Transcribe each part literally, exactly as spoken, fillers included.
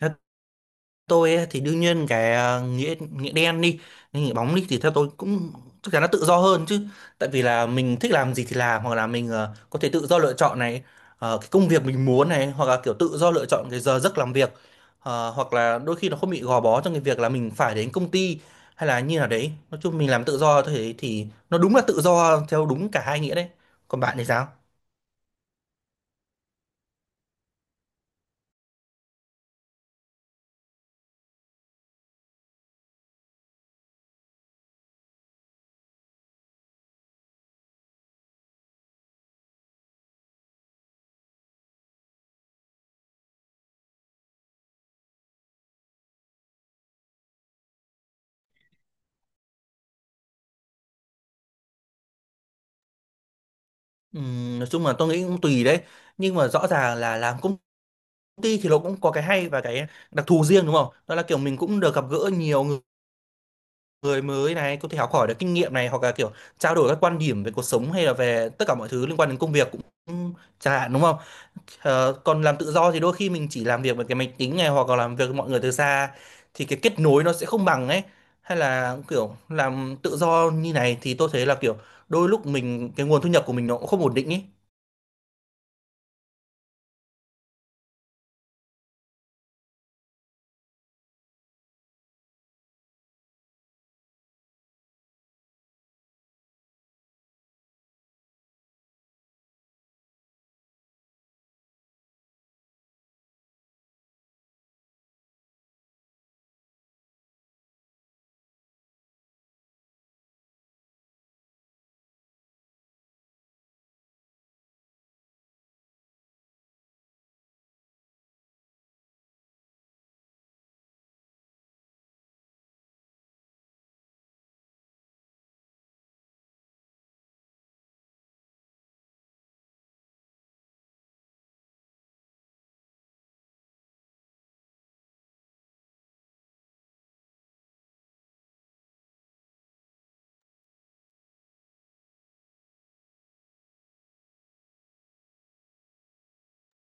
Theo tôi ấy, thì đương nhiên cái ờ, nghĩa nghĩa đen đi hay nghĩa bóng đi thì theo tôi cũng chắc chắn nó tự do hơn chứ. Tại vì là mình thích làm gì thì làm, hoặc là mình ờ, có thể tự do lựa chọn này, ờ, cái công việc mình muốn này, hoặc là kiểu tự do lựa chọn cái giờ giấc làm việc. Ờ, hoặc là đôi khi nó không bị gò bó trong cái việc là mình phải đến công ty hay là như nào đấy. Nói chung mình làm tự do thế thì nó đúng là tự do theo đúng cả hai nghĩa đấy. Còn bạn thì sao? Ừm, nói chung là tôi nghĩ cũng tùy đấy, nhưng mà rõ ràng là làm công ty thì nó cũng có cái hay và cái đặc thù riêng, đúng không? Đó là kiểu mình cũng được gặp gỡ nhiều người người mới này, có thể học hỏi được kinh nghiệm này, hoặc là kiểu trao đổi các quan điểm về cuộc sống hay là về tất cả mọi thứ liên quan đến công việc cũng chẳng hạn, đúng không? Ờ, còn làm tự do thì đôi khi mình chỉ làm việc với cái máy tính này, hoặc là làm việc với mọi người từ xa, thì cái kết nối nó sẽ không bằng ấy. Hay là kiểu làm tự do như này thì tôi thấy là kiểu đôi lúc mình cái nguồn thu nhập của mình nó cũng không ổn định ấy.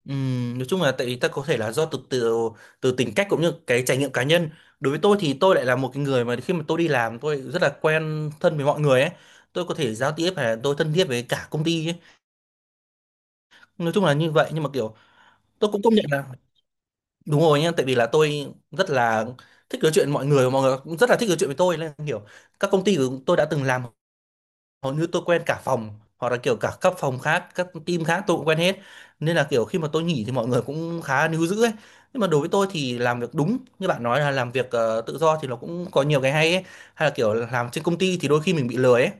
Ừm, nói chung là tại vì ta có thể là do từ từ từ tính cách cũng như cái trải nghiệm cá nhân. Đối với tôi thì tôi lại là một cái người mà khi mà tôi đi làm tôi rất là quen thân với mọi người ấy. Tôi có thể giao tiếp hay là tôi thân thiết với cả công ty ấy. Nói chung là như vậy, nhưng mà kiểu tôi cũng công nhận là đúng rồi nha. Tại vì là tôi rất là thích nói chuyện với mọi người và mọi người cũng rất là thích nói chuyện với tôi, nên kiểu các công ty của tôi đã từng làm hầu như tôi quen cả phòng, hoặc là kiểu cả các phòng khác, các team khác tôi cũng quen hết. Nên là kiểu khi mà tôi nghỉ thì mọi người cũng khá níu giữ ấy. Nhưng mà đối với tôi thì làm việc đúng như bạn nói, là làm việc ờ, tự do thì nó cũng có nhiều cái hay ấy. Hay là kiểu làm trên công ty thì đôi khi mình bị lười ấy.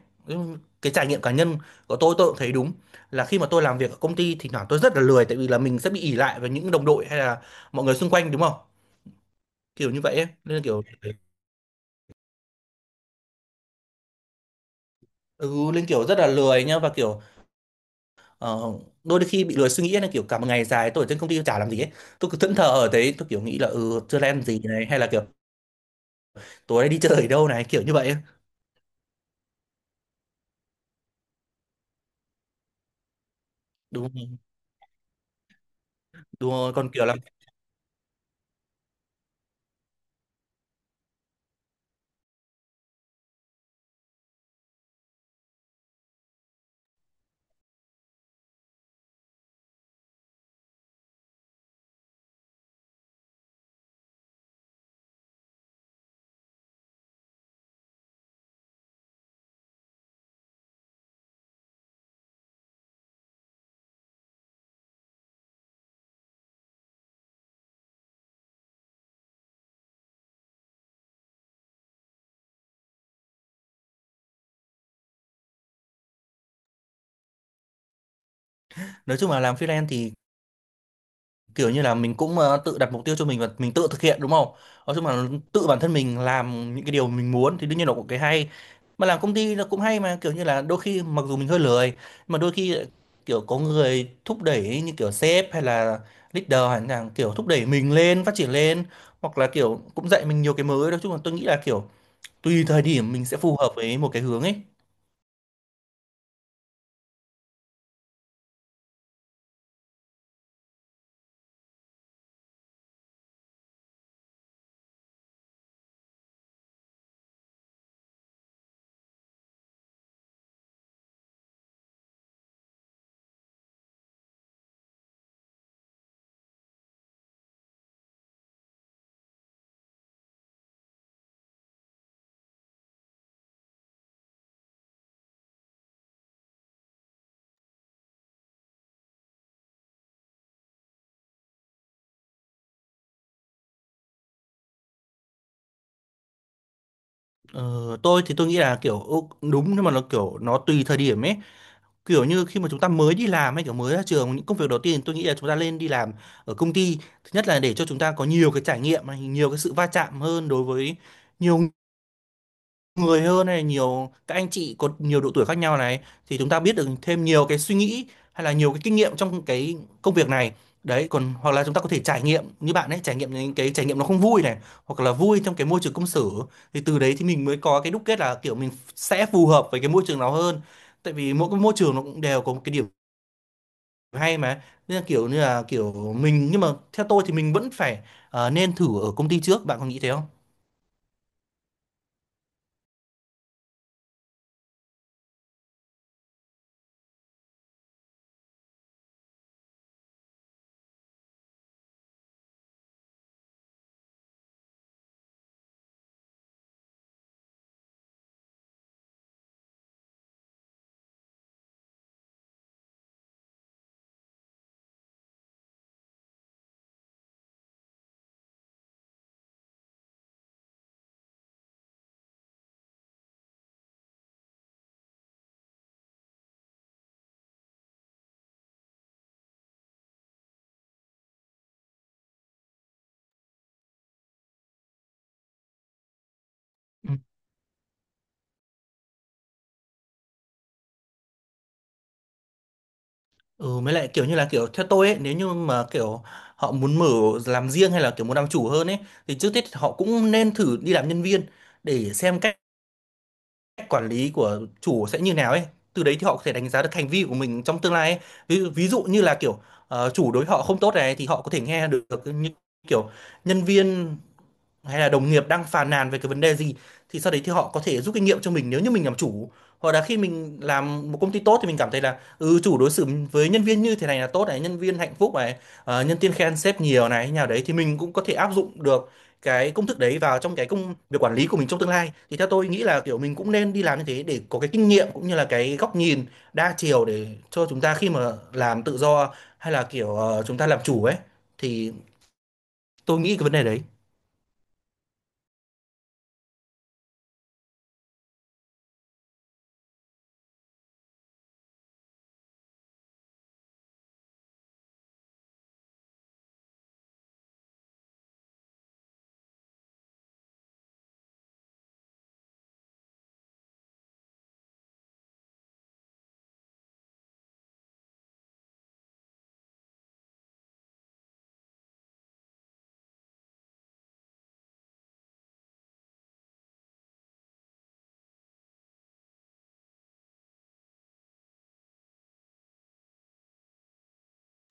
Cái trải nghiệm cá nhân của tôi tôi cũng thấy đúng là khi mà tôi làm việc ở công ty thì thoảng tôi rất là lười, tại vì là mình sẽ bị ỷ lại vào những đồng đội hay là mọi người xung quanh, đúng không, kiểu như vậy ấy. Nên là kiểu ừ, nên kiểu rất là lười nhá, và kiểu Ờ, đôi khi bị lười suy nghĩ là kiểu cả một ngày dài tôi ở trên công ty tôi chả làm gì ấy. Tôi cứ thẫn thờ ở đấy, tôi kiểu nghĩ là ừ chưa làm gì này, hay là kiểu tối nay đi chơi ở đâu này, kiểu như vậy ấy. Đúng, đúng rồi. Còn kiểu làm, nói chung là làm freelance thì kiểu như là mình cũng ờ, tự đặt mục tiêu cho mình và mình tự thực hiện, đúng không? Nói chung là tự bản thân mình làm những cái điều mình muốn thì đương nhiên là cũng cái hay. Mà làm công ty nó cũng hay mà, kiểu như là đôi khi mặc dù mình hơi lười nhưng mà đôi khi lại kiểu có người thúc đẩy, như kiểu sếp hay là leader, hay là kiểu thúc đẩy mình lên, phát triển lên, hoặc là kiểu cũng dạy mình nhiều cái mới. Nói chung là tôi nghĩ là kiểu tùy thời điểm mình sẽ phù hợp với một cái hướng ấy. Ờ, tôi thì tôi nghĩ là kiểu ừ, đúng, nhưng mà nó kiểu nó tùy thời điểm ấy. Kiểu như khi mà chúng ta mới đi làm hay kiểu mới ra trường, những công việc đầu tiên tôi nghĩ là chúng ta lên đi làm ở công ty. Thứ nhất là để cho chúng ta có nhiều cái trải nghiệm này, nhiều cái sự va chạm hơn đối với nhiều người hơn này, nhiều các anh chị có nhiều độ tuổi khác nhau này, thì chúng ta biết được thêm nhiều cái suy nghĩ hay là nhiều cái kinh nghiệm trong cái công việc này đấy. Còn hoặc là chúng ta có thể trải nghiệm như bạn ấy trải nghiệm, những cái trải nghiệm nó không vui này hoặc là vui trong cái môi trường công sở, thì từ đấy thì mình mới có cái đúc kết là kiểu mình sẽ phù hợp với cái môi trường nào hơn. Tại vì mỗi cái môi trường nó cũng đều có một cái điểm hay mà. Bây giờ kiểu như là kiểu mình, nhưng mà theo tôi thì mình vẫn phải ờ, nên thử ở công ty trước, bạn có nghĩ thế không? Ừ. Ừ, mới lại kiểu như là kiểu theo tôi ấy, nếu như mà kiểu họ muốn mở, làm riêng hay là kiểu muốn làm chủ hơn ấy, thì trước hết họ cũng nên thử đi làm nhân viên, để xem cách cách quản lý của chủ sẽ như nào ấy. Từ đấy thì họ có thể đánh giá được hành vi của mình trong tương lai ấy. Ví, dụ- ví dụ như là kiểu ờ, chủ đối họ không tốt này, thì họ có thể nghe được những kiểu nhân viên hay là đồng nghiệp đang phàn nàn về cái vấn đề gì, thì sau đấy thì họ có thể rút kinh nghiệm cho mình nếu như mình làm chủ. Hoặc là khi mình làm một công ty tốt thì mình cảm thấy là ừ chủ đối xử với nhân viên như thế này là tốt này, nhân viên hạnh phúc này, ờ, nhân viên khen sếp nhiều này như nào đấy, thì mình cũng có thể áp dụng được cái công thức đấy vào trong cái công việc quản lý của mình trong tương lai. Thì theo tôi nghĩ là kiểu mình cũng nên đi làm như thế để có cái kinh nghiệm cũng như là cái góc nhìn đa chiều, để cho chúng ta khi mà làm tự do hay là kiểu ờ, chúng ta làm chủ ấy, thì tôi nghĩ cái vấn đề đấy.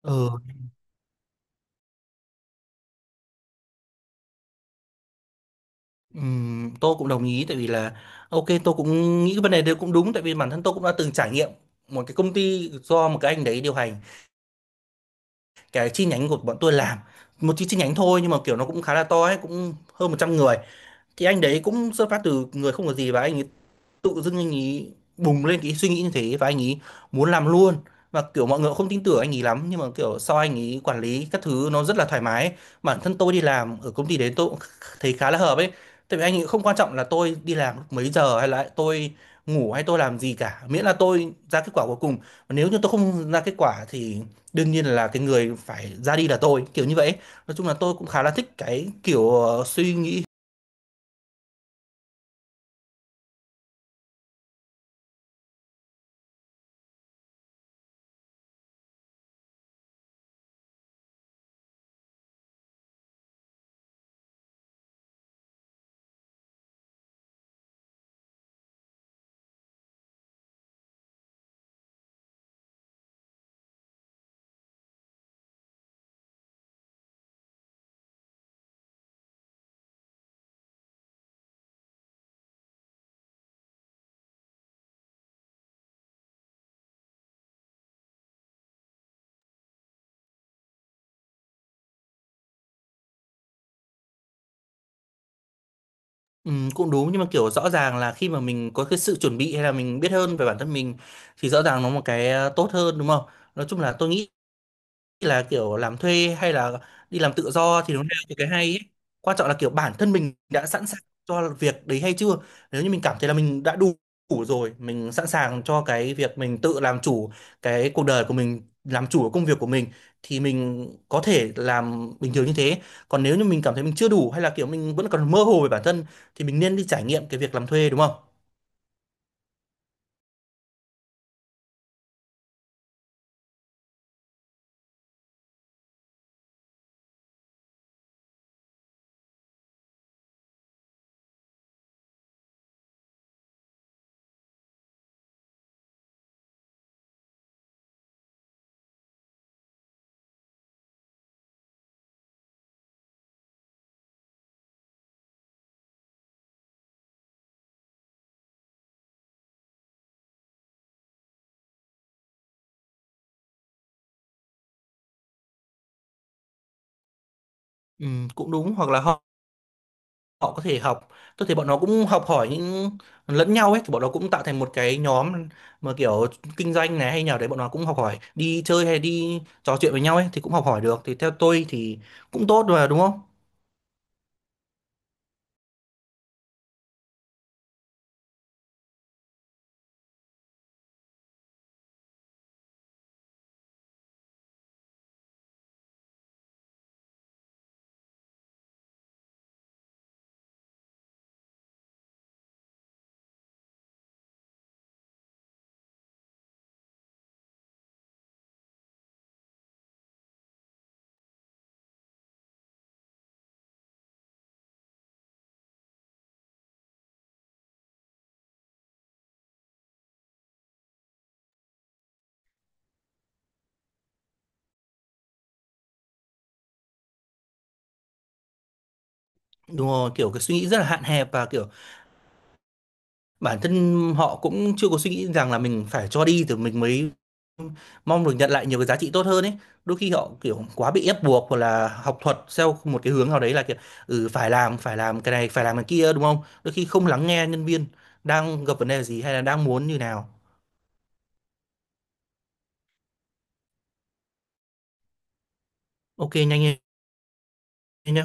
Ừ. Ừm, tôi cũng đồng ý, tại vì là ok tôi cũng nghĩ cái vấn đề đấy cũng đúng. Tại vì bản thân tôi cũng đã từng trải nghiệm một cái công ty do một cái anh đấy điều hành, cái chi nhánh của bọn tôi làm một chi chi nhánh thôi, nhưng mà kiểu nó cũng khá là to ấy, cũng hơn một trăm người. Thì anh đấy cũng xuất phát từ người không có gì, và anh ấy tự dưng anh ấy bùng lên cái suy nghĩ như thế, và anh ấy muốn làm luôn. Và kiểu mọi người cũng không tin tưởng anh ấy lắm, nhưng mà kiểu sau anh ấy quản lý các thứ nó rất là thoải mái ấy. Bản thân tôi đi làm ở công ty đấy, tôi cũng thấy khá là hợp ấy. Tại vì anh ấy không quan trọng là tôi đi làm lúc mấy giờ hay là tôi ngủ hay tôi làm gì cả, miễn là tôi ra kết quả cuối cùng. Và nếu như tôi không ra kết quả thì đương nhiên là cái người phải ra đi là tôi, kiểu như vậy ấy. Nói chung là tôi cũng khá là thích cái kiểu ờ, suy nghĩ. Ừm, cũng đúng, nhưng mà, kiểu, rõ ràng là khi mà mình có cái sự chuẩn bị hay là mình biết hơn về bản thân mình, thì rõ ràng nó một cái, a, tốt hơn, đúng không? Nói chung là tôi nghĩ là kiểu làm thuê hay là đi làm tự do thì nó đều có cái hay ấy. Quan trọng là kiểu bản thân mình đã sẵn sàng cho việc đấy hay chưa. Nếu như mình cảm thấy là mình đã đủ, đủ rồi, mình sẵn sàng cho cái việc mình tự làm chủ cái cuộc đời của mình, làm chủ công việc của mình, thì mình có thể làm bình thường như thế. Còn nếu như mình cảm thấy mình chưa đủ hay là kiểu mình vẫn còn mơ hồ về bản thân, thì mình nên đi trải nghiệm cái việc làm thuê, đúng không? Ừ, cũng đúng. Hoặc là họ có thể học, tôi thấy bọn nó cũng học hỏi những lẫn nhau ấy, thì bọn nó cũng tạo thành một cái nhóm mà kiểu kinh doanh này hay nào đấy, bọn nó cũng học hỏi đi chơi hay đi trò chuyện với nhau ấy thì cũng học hỏi được, thì theo tôi thì cũng tốt mà, đúng không? Đúng rồi, kiểu cái suy nghĩ rất là hạn hẹp, và kiểu bản thân họ cũng chưa có suy nghĩ rằng là mình phải cho đi thì mình mới mong được nhận lại nhiều cái giá trị tốt hơn ấy. Đôi khi họ kiểu quá bị ép buộc hoặc là học thuật theo một cái hướng nào đấy, là kiểu ừ phải làm phải làm cái này, phải làm cái kia, đúng không? Đôi khi không lắng nghe nhân viên đang gặp vấn đề gì hay là đang muốn như nào. Ok, nhanh lên nhé.